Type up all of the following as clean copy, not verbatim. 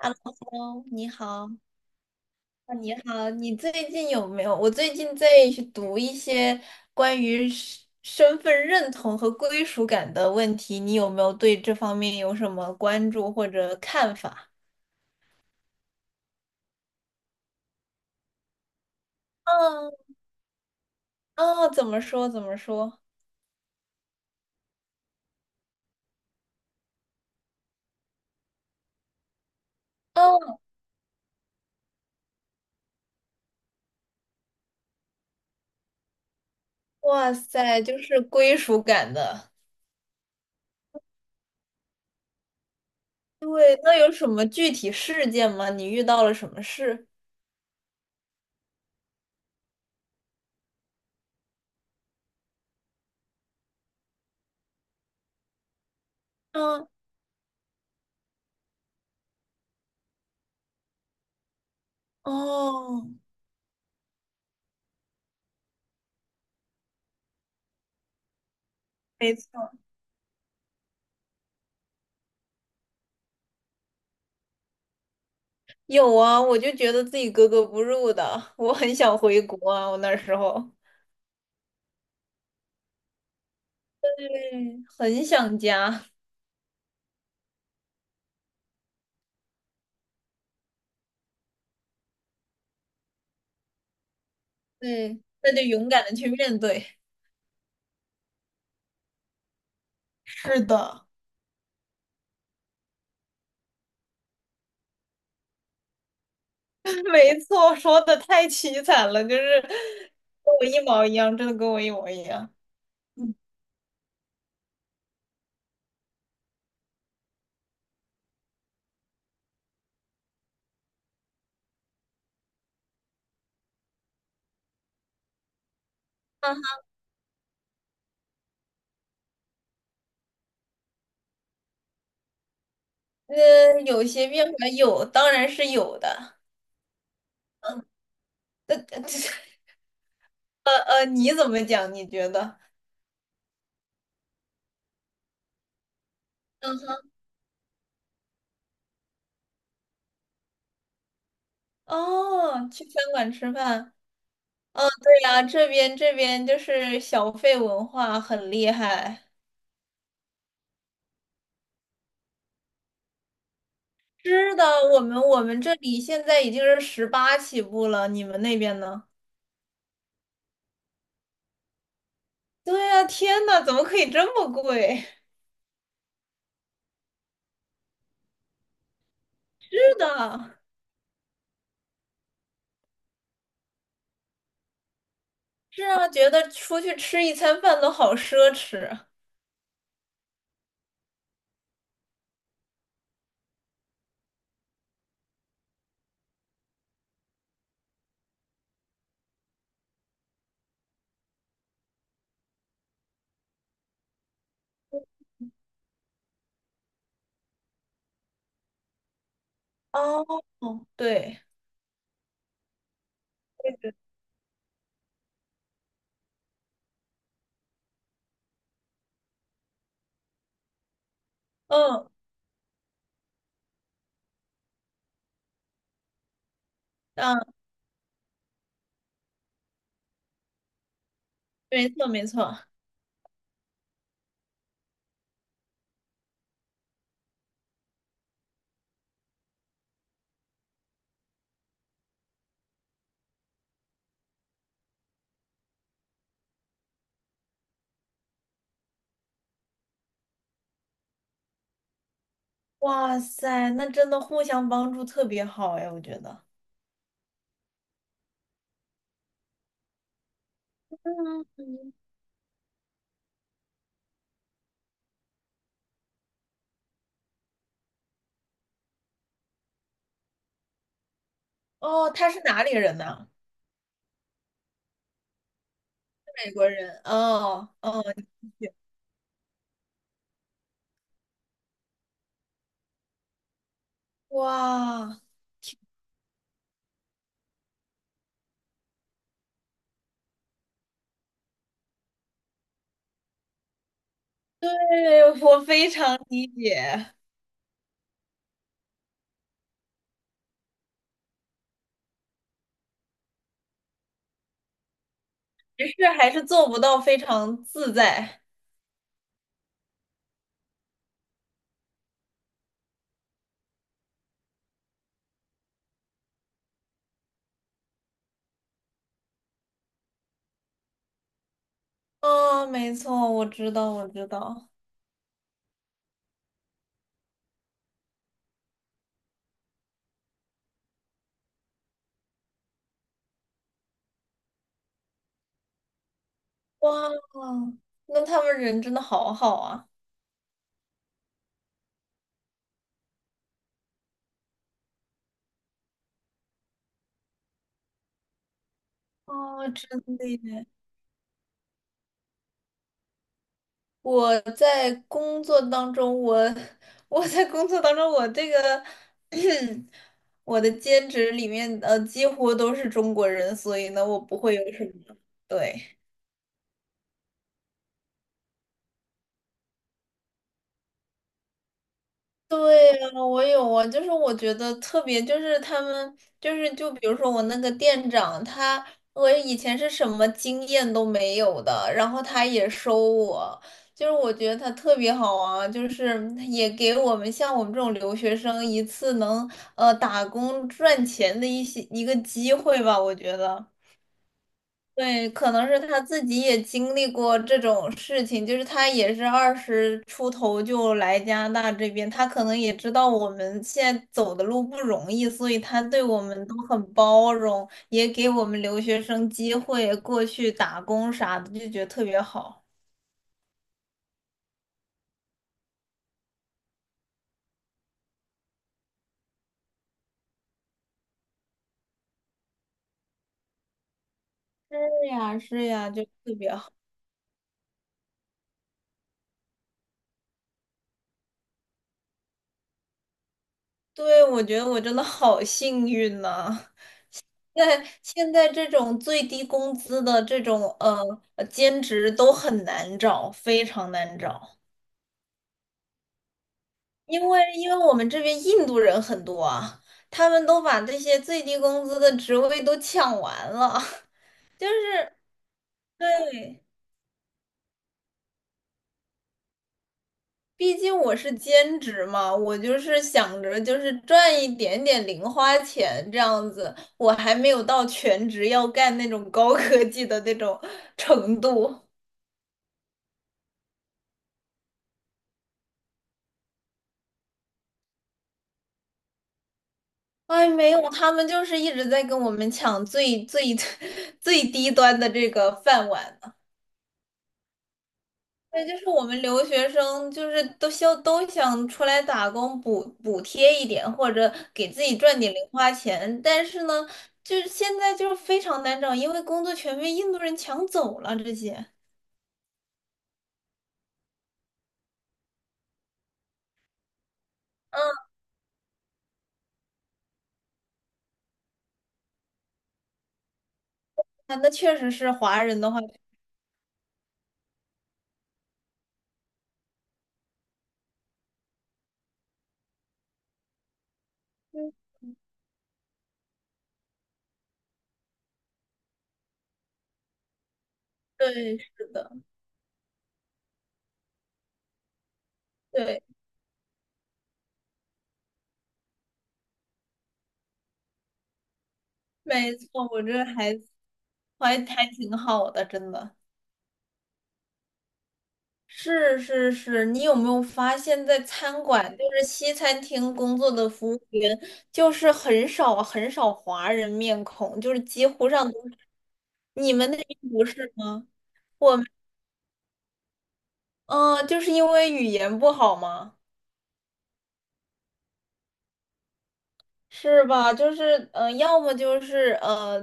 Hello，你好，啊你好，你最近有没有？我最近在读一些关于身份认同和归属感的问题，你有没有对这方面有什么关注或者看法？嗯，哦，怎么说？怎么说？哦，哇塞，就是归属感的。对，那有什么具体事件吗？你遇到了什么事？嗯，哦，没错。有啊，我就觉得自己格格不入的，我很想回国啊，我那时候，对，很想家，对，那就勇敢的去面对。是的，没错，说的太凄惨了，就是跟我一毛一样，真的跟我一模一样。嗯，那有些变化有，当然是有的。呃呃你怎么讲？你觉得？嗯哼，哦，去餐馆吃饭，对呀，这边就是小费文化很厉害。是的，我们这里现在已经是18起步了，你们那边呢？对呀，天呐，怎么可以这么贵？是的，是啊，觉得出去吃一餐饭都好奢侈。哦，对，嗯嗯，没错没错。哇塞，那真的互相帮助特别好哎，我觉得。嗯，嗯哦，他是哪里人呢？美国人。哦哦，哇，对，我非常理解。只是还是做不到非常自在。啊，没错，我知道，我知道。哇，那他们人真的好好啊！哦，真的耶。我在工作当中，我 我在工作当中，我这个 我的兼职里面，几乎都是中国人，所以呢，我不会有什么，对。对呀，我有啊，就是我觉得特别，就是他们，就是就比如说我那个店长，他我以前是什么经验都没有的，然后他也收我，就是我觉得他特别好啊，就是也给我们像我们这种留学生一次能打工赚钱的一些一个机会吧，我觉得。对，可能是他自己也经历过这种事情，就是他也是二十出头就来加拿大这边，他可能也知道我们现在走的路不容易，所以他对我们都很包容，也给我们留学生机会过去打工啥的，就觉得特别好。是呀，是呀，就特别好。对，我觉得我真的好幸运呐、在现在这种最低工资的这种兼职都很难找，非常难找。因为我们这边印度人很多啊，他们都把这些最低工资的职位都抢完了，就是对，毕竟我是兼职嘛，我就是想着就是赚一点点零花钱这样子，我还没有到全职要干那种高科技的那种程度。哎，没有，他们就是一直在跟我们抢最最 最低端的这个饭碗。对，就是我们留学生，就是都想出来打工补贴一点，或者给自己赚点零花钱。但是呢，就是现在就是非常难找，因为工作全被印度人抢走了这些。嗯，啊那确实是华人的话，嗯对，是的，对，没错，我这还挺好的，真的。是是是，你有没有发现，在餐馆，就是西餐厅工作的服务员，就是很少很少华人面孔，就是几乎上都是你们那边不是吗？我们嗯、就是因为语言不好吗？是吧？就是，要么就是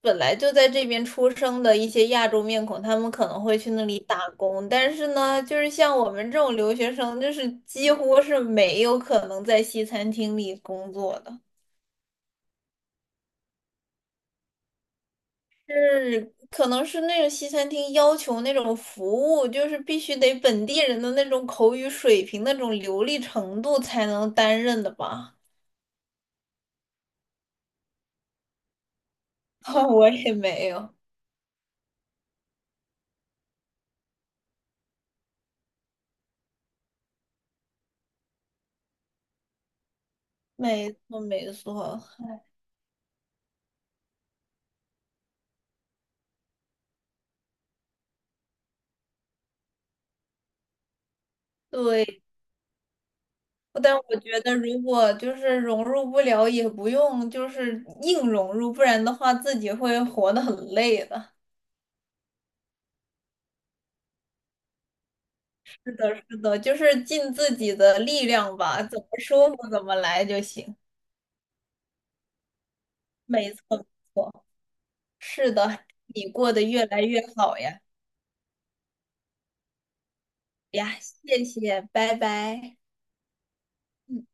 本来就在这边出生的一些亚洲面孔，他们可能会去那里打工，但是呢，就是像我们这种留学生，就是几乎是没有可能在西餐厅里工作的。是，可能是那种西餐厅要求那种服务，就是必须得本地人的那种口语水平、那种流利程度才能担任的吧？我也没有，没错没错，对。但我觉得如果就是融入不了，也不用就是硬融入，不然的话自己会活得很累的。是的，是的，就是尽自己的力量吧，怎么舒服怎么来就行。没错，没错。是的，你过得越来越好呀！呀，谢谢，拜拜。嗯。